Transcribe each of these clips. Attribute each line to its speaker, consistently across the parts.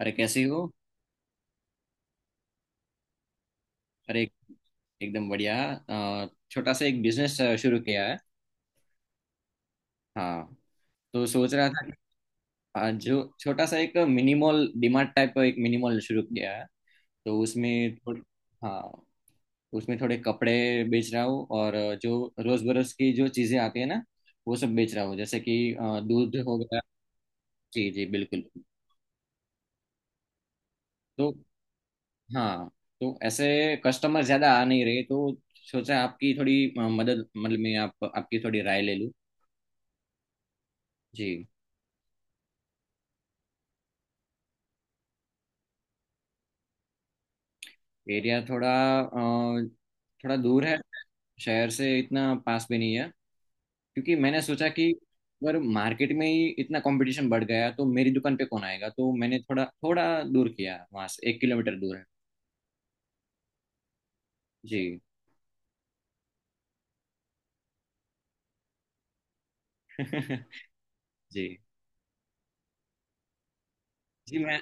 Speaker 1: अरे, कैसी हो। अरे, एकदम बढ़िया। छोटा सा एक बिजनेस शुरू किया है। हाँ। तो सोच रहा था। जो छोटा सा एक मिनी मॉल डीमार्ट टाइप का एक मिनी मॉल शुरू किया है। तो उसमें थोड़े। हाँ। उसमें थोड़े कपड़े बेच रहा हूँ, और जो रोज बरोज की जो चीजें आती है ना, वो सब बेच रहा हूँ, जैसे कि दूध हो गया। जी जी बिल्कुल। तो। हाँ। तो ऐसे कस्टमर ज्यादा आ नहीं रहे, तो सोचा आपकी थोड़ी मदद, मतलब मैं आप आपकी थोड़ी राय ले लूँ। जी। एरिया थोड़ा, अ, थोड़ा दूर है। शहर से इतना पास भी नहीं है, क्योंकि मैंने सोचा कि अगर मार्केट में ही इतना कंपटीशन बढ़ गया तो मेरी दुकान पे कौन आएगा। तो मैंने थोड़ा थोड़ा दूर किया, वहां से एक किलोमीटर दूर है। जी। जी जी। मैं।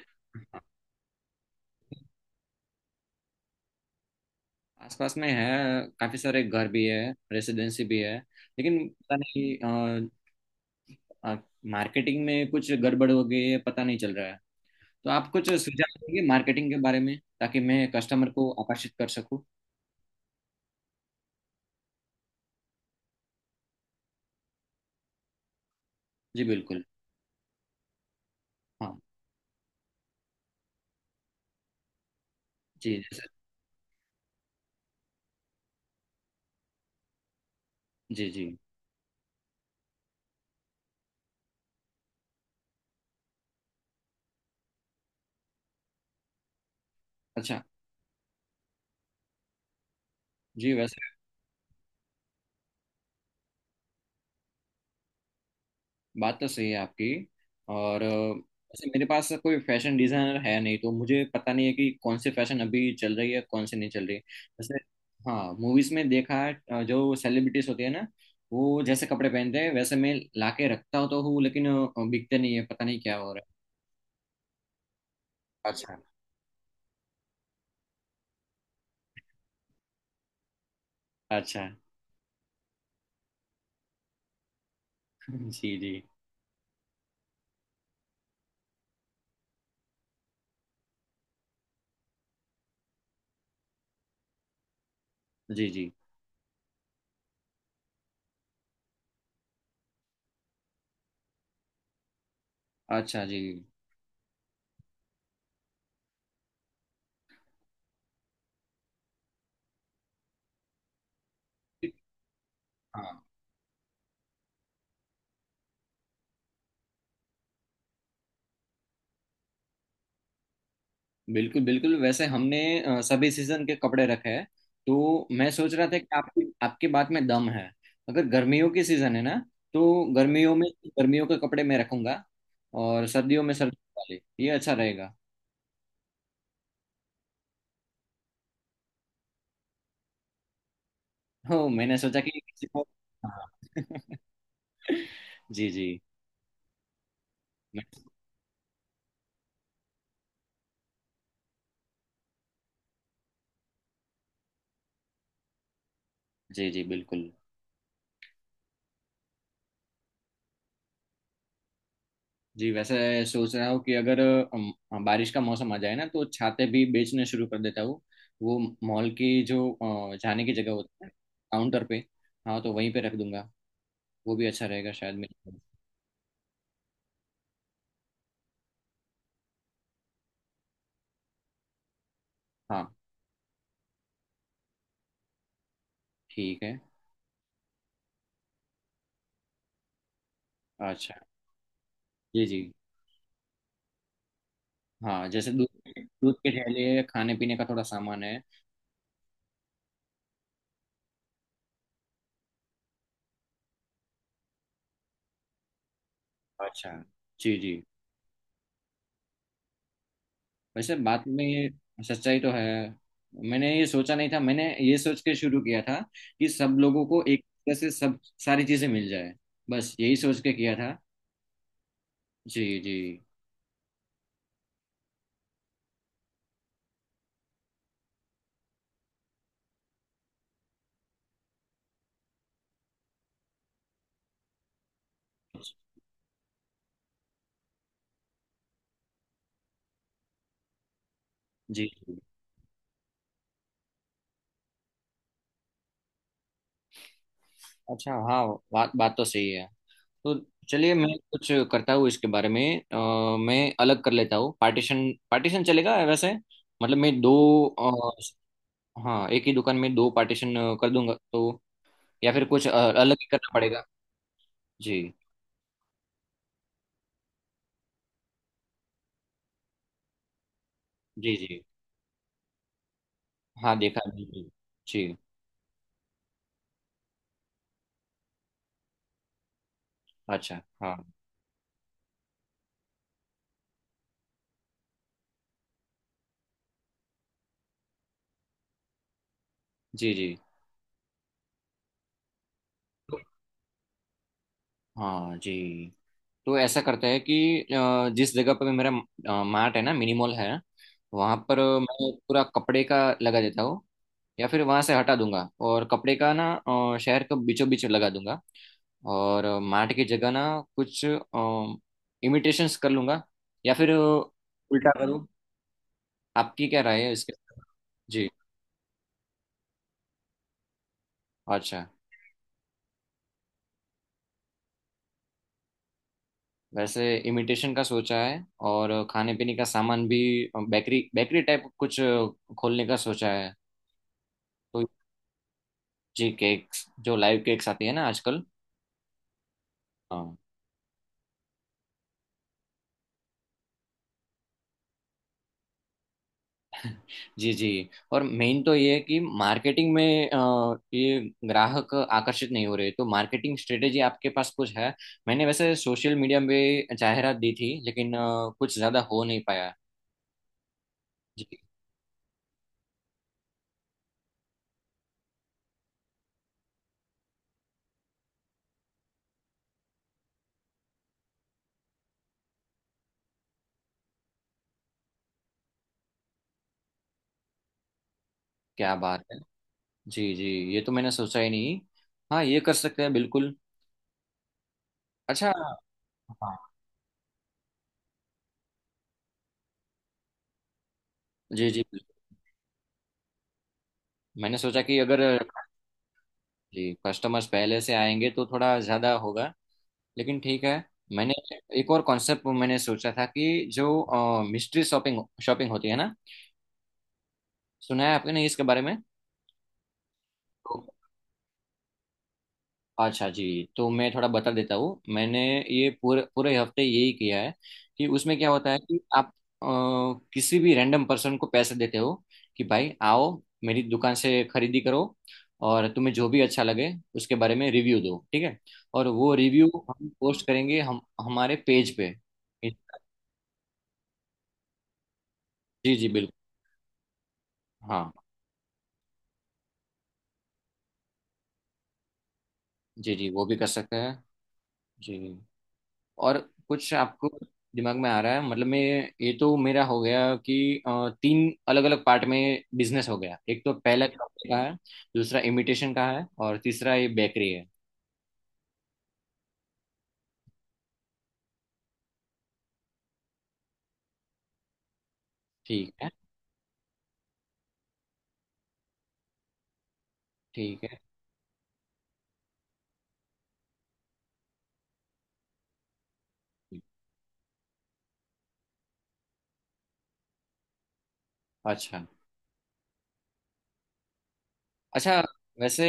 Speaker 1: आसपास में है, काफी सारे घर भी है, रेसिडेंसी भी है, लेकिन पता नहीं मार्केटिंग में कुछ गड़बड़ हो गई है, पता नहीं चल रहा है। तो आप कुछ सुझाव देंगे मार्केटिंग के बारे में, ताकि मैं कस्टमर को आकर्षित कर सकूं। जी बिल्कुल। हाँ। जी, जैसे। जी जी। अच्छा जी। वैसे बात तो सही है आपकी। और वैसे मेरे पास कोई फैशन डिजाइनर है नहीं, तो मुझे पता नहीं है कि कौन से फैशन अभी चल रही है कौन से नहीं चल रही, जैसे। हाँ, मूवीज में देखा है जो सेलिब्रिटीज होती है ना, वो जैसे कपड़े पहनते हैं, वैसे मैं लाके रखता हूँ तो हूँ, लेकिन बिकते नहीं है, पता नहीं क्या हो रहा है। अच्छा, अच्छा। जी जी। जी जी। अच्छा जी। हाँ। बिल्कुल बिल्कुल, वैसे हमने सभी सीजन के कपड़े रखे हैं। तो मैं सोच रहा था कि आपकी आपकी बात में दम है। अगर गर्मियों की सीजन है ना, तो गर्मियों में गर्मियों के कपड़े मैं रखूंगा, और सर्दियों में सर्दियों वाले, ये अच्छा रहेगा। हो, मैंने सोचा कि किसी को। हाँ। जी जी। मैं- जी जी बिल्कुल। जी, वैसे सोच रहा हूँ कि अगर बारिश का मौसम आ जाए ना, तो छाते भी बेचने शुरू कर देता हूँ। वो मॉल की जो जाने की जगह होती है, काउंटर पे, हाँ, तो वहीं पे रख दूंगा। वो भी अच्छा रहेगा शायद मेरे लिए। हाँ। ठीक है। अच्छा। जी जी। हाँ, जैसे दूध। दूध के ठेले, खाने पीने का थोड़ा सामान है। अच्छा। जी जी। वैसे बात में सच्चाई तो है। मैंने ये सोचा नहीं था, मैंने ये सोच के शुरू किया था कि सब लोगों को एक तरह से सब सारी चीजें मिल जाए, बस यही सोच के किया था। जी जी। जी जी। अच्छा, हाँ। बात बात तो सही है। तो। चलिए, मैं कुछ करता हूँ इसके बारे में। मैं अलग कर लेता हूँ, पार्टीशन पार्टीशन चलेगा वैसे। मतलब मैं दो। हाँ, एक ही दुकान में दो पार्टीशन कर दूंगा, तो। या फिर कुछ अलग ही करना पड़ेगा। जी। जी। जी। हाँ, देखा बिल्कुल। जी जी, अच्छा। हाँ। जी जी। तो- हाँ जी। तो ऐसा करता है कि जिस जगह पर मेरा मार्ट है ना, मिनिमॉल है, वहाँ पर मैं पूरा कपड़े का लगा देता हूँ। या फिर वहाँ से हटा दूंगा और कपड़े का ना, शहर के बीचों बीच लगा दूंगा। और मार्ट की जगह ना, कुछ इमिटेशंस कर लूंगा। या फिर उल्टा करूँ। आपकी क्या राय है इसके। जी। अच्छा। वैसे इमिटेशन का सोचा है, और खाने पीने का सामान भी, बेकरी बेकरी टाइप कुछ खोलने का सोचा है। तो। जी, केक्स जो लाइव केक्स आती है ना आजकल। हाँ। जी जी। और मेन तो ये है कि मार्केटिंग में ये ग्राहक आकर्षित नहीं हो रहे, तो मार्केटिंग स्ट्रेटेजी आपके पास कुछ है। मैंने वैसे सोशल मीडिया में जाहिरात दी थी, लेकिन कुछ ज़्यादा हो नहीं पाया। जी। क्या बात है। जी जी। ये तो मैंने सोचा ही नहीं। हाँ, ये कर सकते हैं बिल्कुल। अच्छा। हाँ। जी जी बिल्कुल। मैंने सोचा कि अगर। जी, कस्टमर्स पहले से आएंगे तो थोड़ा ज़्यादा होगा। लेकिन ठीक है। मैंने। एक और कॉन्सेप्ट मैंने सोचा था कि जो मिस्ट्री शॉपिंग शॉपिंग होती है ना। सुना है आपने इसके बारे में। तो। अच्छा जी। तो मैं थोड़ा बता देता हूँ, मैंने ये पूरे पूरे हफ्ते यही किया है। कि उसमें क्या होता है कि आप किसी भी रैंडम पर्सन को पैसे देते हो। कि भाई आओ, मेरी दुकान से खरीदी करो। और तुम्हें जो भी अच्छा लगे उसके बारे में रिव्यू दो, ठीक है। और वो रिव्यू हम पोस्ट करेंगे, हम हमारे पेज पे। जी जी बिल्कुल। हाँ। जी जी, वो भी कर सकते हैं। जी। और। कुछ आपको दिमाग में आ रहा है, मतलब मैं। ये तो मेरा हो गया कि तीन अलग अलग पार्ट में बिजनेस हो गया, एक तो पहला कपड़े का है। दूसरा इमिटेशन का है, और तीसरा ये बेकरी है। ठीक है। ठीक है। अच्छा। अच्छा। वैसे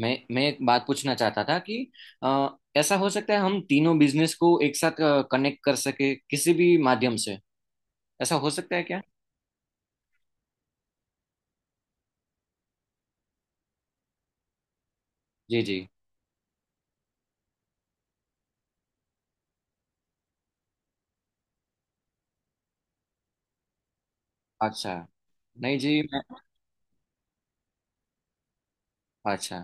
Speaker 1: मैं मैं एक बात पूछना चाहता था कि। अ, ऐसा हो सकता है हम तीनों बिजनेस को एक साथ कनेक्ट कर सके किसी भी माध्यम से। ऐसा हो सकता है क्या। जी जी। अच्छा। नहीं जी, मैं। अच्छा।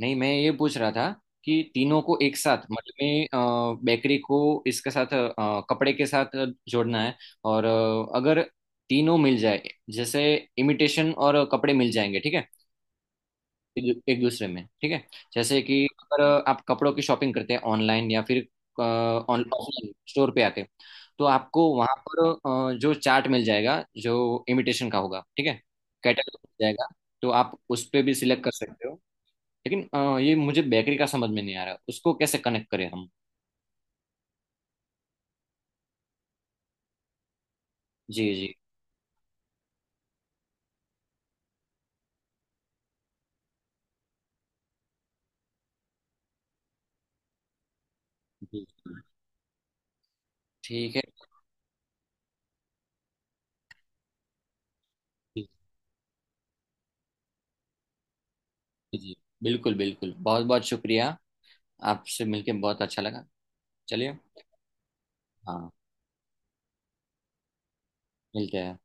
Speaker 1: नहीं, मैं ये पूछ रहा था कि तीनों को एक साथ, मतलब मैं बेकरी को। इसके साथ कपड़े के साथ जोड़ना है। और अगर तीनों मिल जाए, जैसे इमिटेशन और कपड़े मिल जाएंगे, ठीक है। एक एक दूसरे में, ठीक है। जैसे कि अगर आप कपड़ों की शॉपिंग करते हैं ऑनलाइन या फिर ऑफलाइन स्टोर पे आके। तो आपको वहां पर जो चार्ट मिल जाएगा जो इमिटेशन का होगा, ठीक है। कैटलॉग मिल जाएगा। तो आप उस पे भी सिलेक्ट कर सकते हो। लेकिन ये मुझे बेकरी का समझ में नहीं आ रहा, उसको कैसे कनेक्ट करें हम। जी जी। जी। ठीक है। जी। जी, बिल्कुल बिल्कुल, बहुत बहुत शुक्रिया। आपसे मिलके बहुत अच्छा लगा। चलिए। हाँ। मिलते हैं।